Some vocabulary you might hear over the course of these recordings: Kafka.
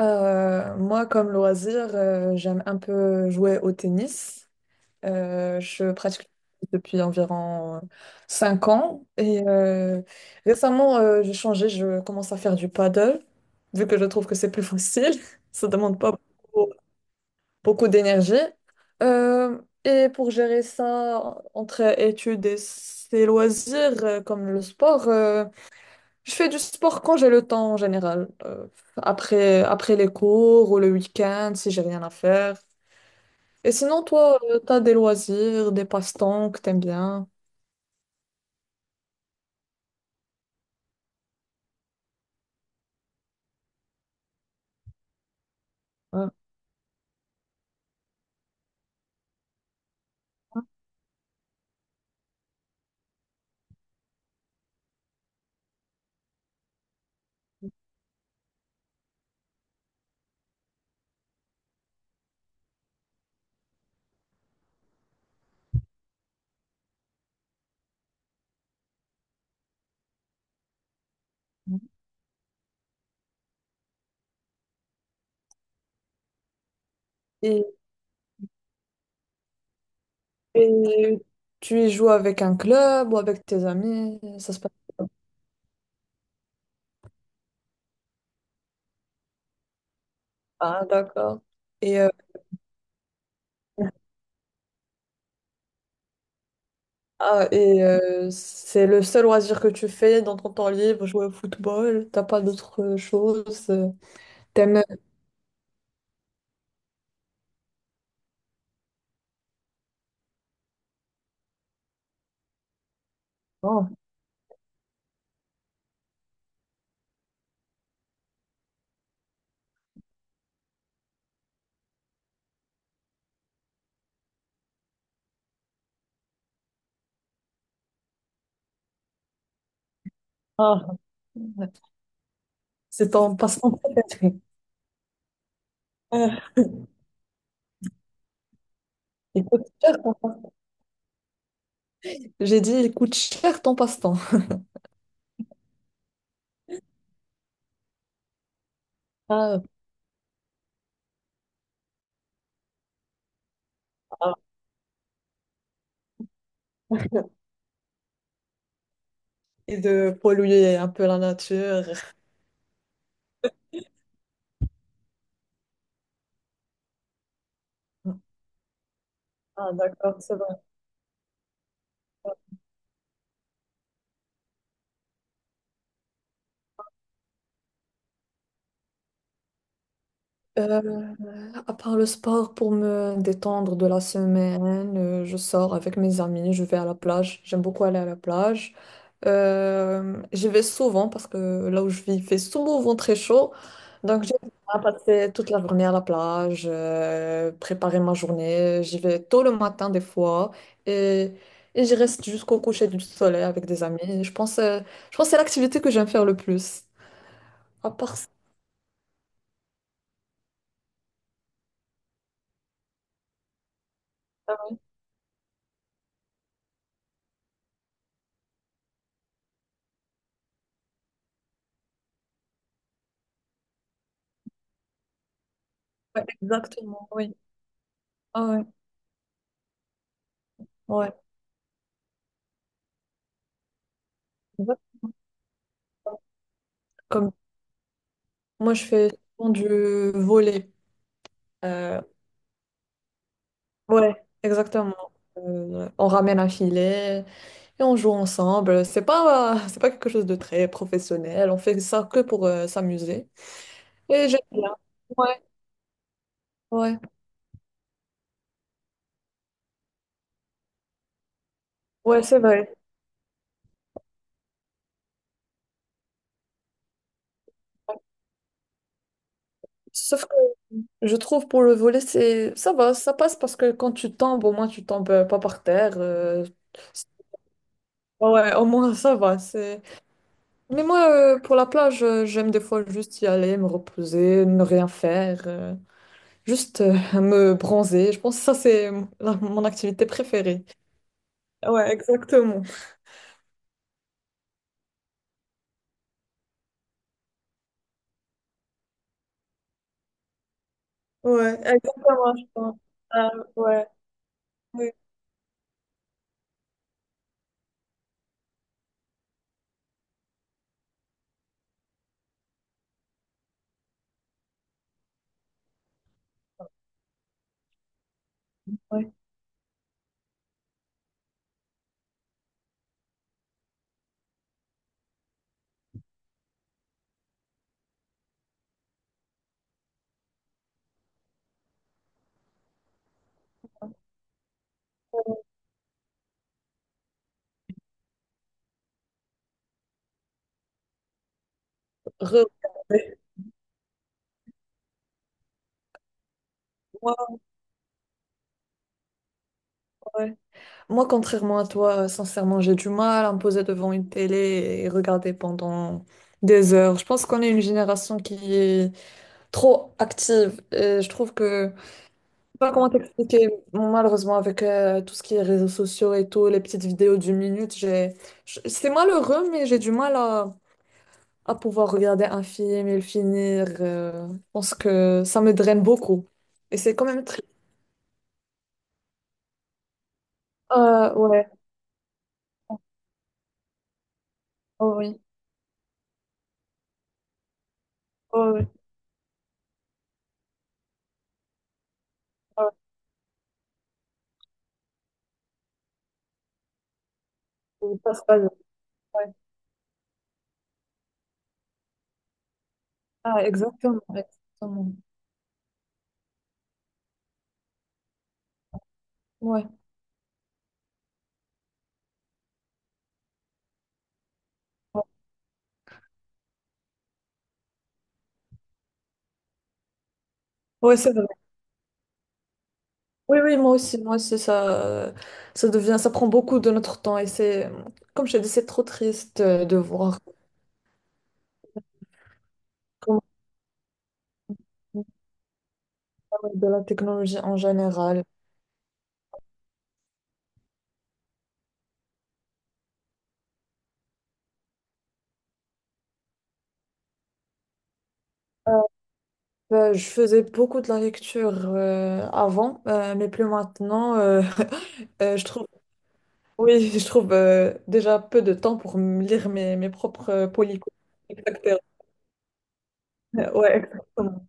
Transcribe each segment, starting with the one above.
Moi, comme loisir, j'aime un peu jouer au tennis. Je pratique depuis environ 5 ans et récemment, j'ai changé, je commence à faire du paddle, vu que je trouve que c'est plus facile, ça demande pas beaucoup, beaucoup d'énergie. Euh, et pour gérer ça entre études et ses loisirs, comme le sport, je fais du sport quand j'ai le temps en général. Après les cours ou le week-end, si j'ai rien à faire. Et sinon, toi, t'as des loisirs, des passe-temps que t'aimes bien. Ouais. Et, et tu y joues avec un club ou avec tes amis? Ça se passe. Comment? Ah, d'accord. Et, ah, et c'est le seul loisir que tu fais dans ton temps libre, jouer au football? T'as pas d'autres choses? T'aimes. Oh, ah, c'est ton passe-temps préféré. Il coûte cher. J'ai dit, il coûte cher ton passe-temps. Ah, ah. Et de polluer un peu la nature. Ah, d'accord, c'est vrai. Euh, À part le sport, pour me détendre de la semaine, je sors avec mes amis, je vais à la plage. J'aime beaucoup aller à la plage. J'y vais souvent parce que là où je vis, il fait souvent très chaud. Donc j'aime bien passer toute la journée à la plage, préparer ma journée. J'y vais tôt le matin des fois et, et j'y reste jusqu'au coucher du soleil avec des amis. Je pense que c'est l'activité que j'aime faire le plus. À part ça, ouais, exactement, oui. Ah ouais, ouais. Exact- Comme Moi, je fais souvent du volley. Euh, ouais, exactement. On ramène un filet et on joue ensemble. C'est pas quelque chose de très professionnel. On fait ça que pour s'amuser. Et j'aime bien. Ouais, ouais, ouais, c'est vrai. Sauf que je trouve pour le volley, c'est, ça va, ça passe parce que quand tu tombes, au moins tu tombes pas par terre. C'est- Ouais, au moins ça va. C'est. Mais moi, pour la plage, j'aime des fois juste y aller, me reposer, ne rien faire. Juste à me bronzer. Je pense que ça, c'est mon activité préférée. Ouais, exactement. Ouais, exactement, je pense. Ah, ouais, oui, ouais. Regarder. Moi, ouais. Moi, contrairement à toi, sincèrement, j'ai du mal à me poser devant une télé et regarder pendant des heures. Je pense qu'on est une génération qui est trop active. Et je trouve que sais pas comment t'expliquer. Bon, malheureusement, avec tout ce qui est réseaux sociaux et tout, les petites vidéos d'une minute, j'ai. C'est malheureux, mais j'ai du mal à pouvoir regarder un film et le finir. Je pense que ça me draine beaucoup. Et c'est quand même triste. Ouais. Oh oui. Oh oui. Ah, oui. Ça se passe. Ouais. Ah, exactement. Exactement. Ouais. Ouais, ouais, c'est vrai. Oui, oui, moi aussi. Moi aussi, ça devient, ça prend beaucoup de notre temps. Et comme je te dis, c'est trop triste de voir. De la technologie en général. Je faisais beaucoup de la lecture avant, mais plus maintenant. Je trouve, oui, je trouve déjà peu de temps pour me lire mes propres polycopies. Exactement. Ouais, exactement.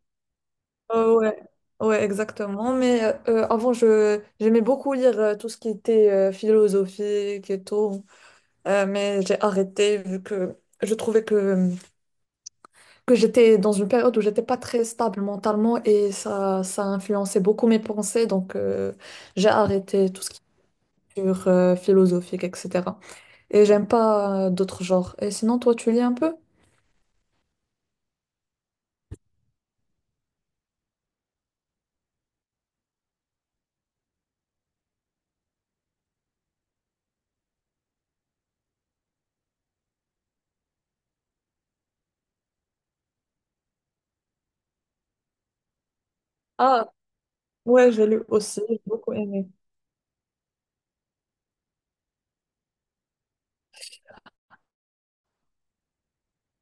Ouais. Ouais, exactement. Mais avant, je j'aimais beaucoup lire tout ce qui était philosophique et tout. Mais j'ai arrêté vu que je trouvais que j'étais dans une période où j'étais pas très stable mentalement et ça a influencé beaucoup mes pensées. Donc, j'ai arrêté tout ce qui est culture, philosophique, etc. Et j'aime pas d'autres genres. Et sinon, toi, tu lis un peu? Ah, ouais, j'ai lu aussi, j'ai beaucoup aimé.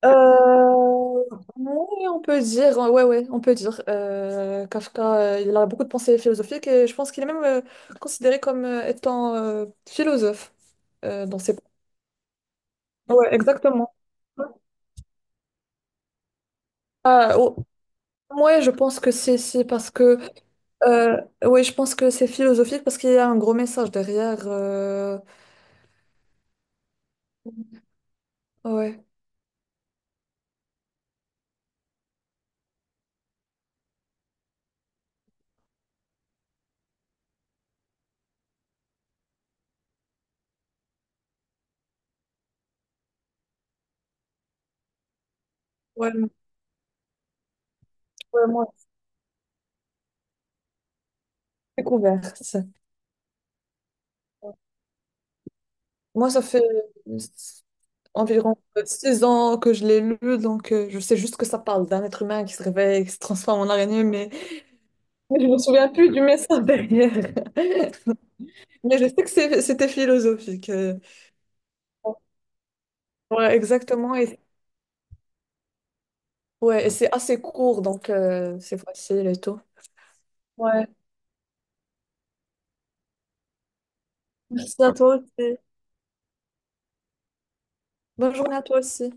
Euh, oui, on peut dire, ouais, ouais, on peut dire. Kafka, il a beaucoup de pensées philosophiques et je pense qu'il est même considéré comme étant philosophe dans ses. Ouais, exactement. Ah, ouais, je pense que c'est parce que euh, ouais, je pense que c'est philosophique parce qu'il y a un gros message derrière. Ouais, ouais, ouais, moi, j'ai découvert ça. Moi, ça fait euh, environ 6 ans que je l'ai lu, donc je sais juste que ça parle d'un être humain qui se réveille, qui se transforme en araignée, mais, mais je me souviens plus du message derrière. Mais je sais que c'était philosophique. Ouais, exactement. Et, ouais, et c'est assez court, donc c'est facile et tout. Ouais, merci à toi aussi. Bonne journée à toi aussi.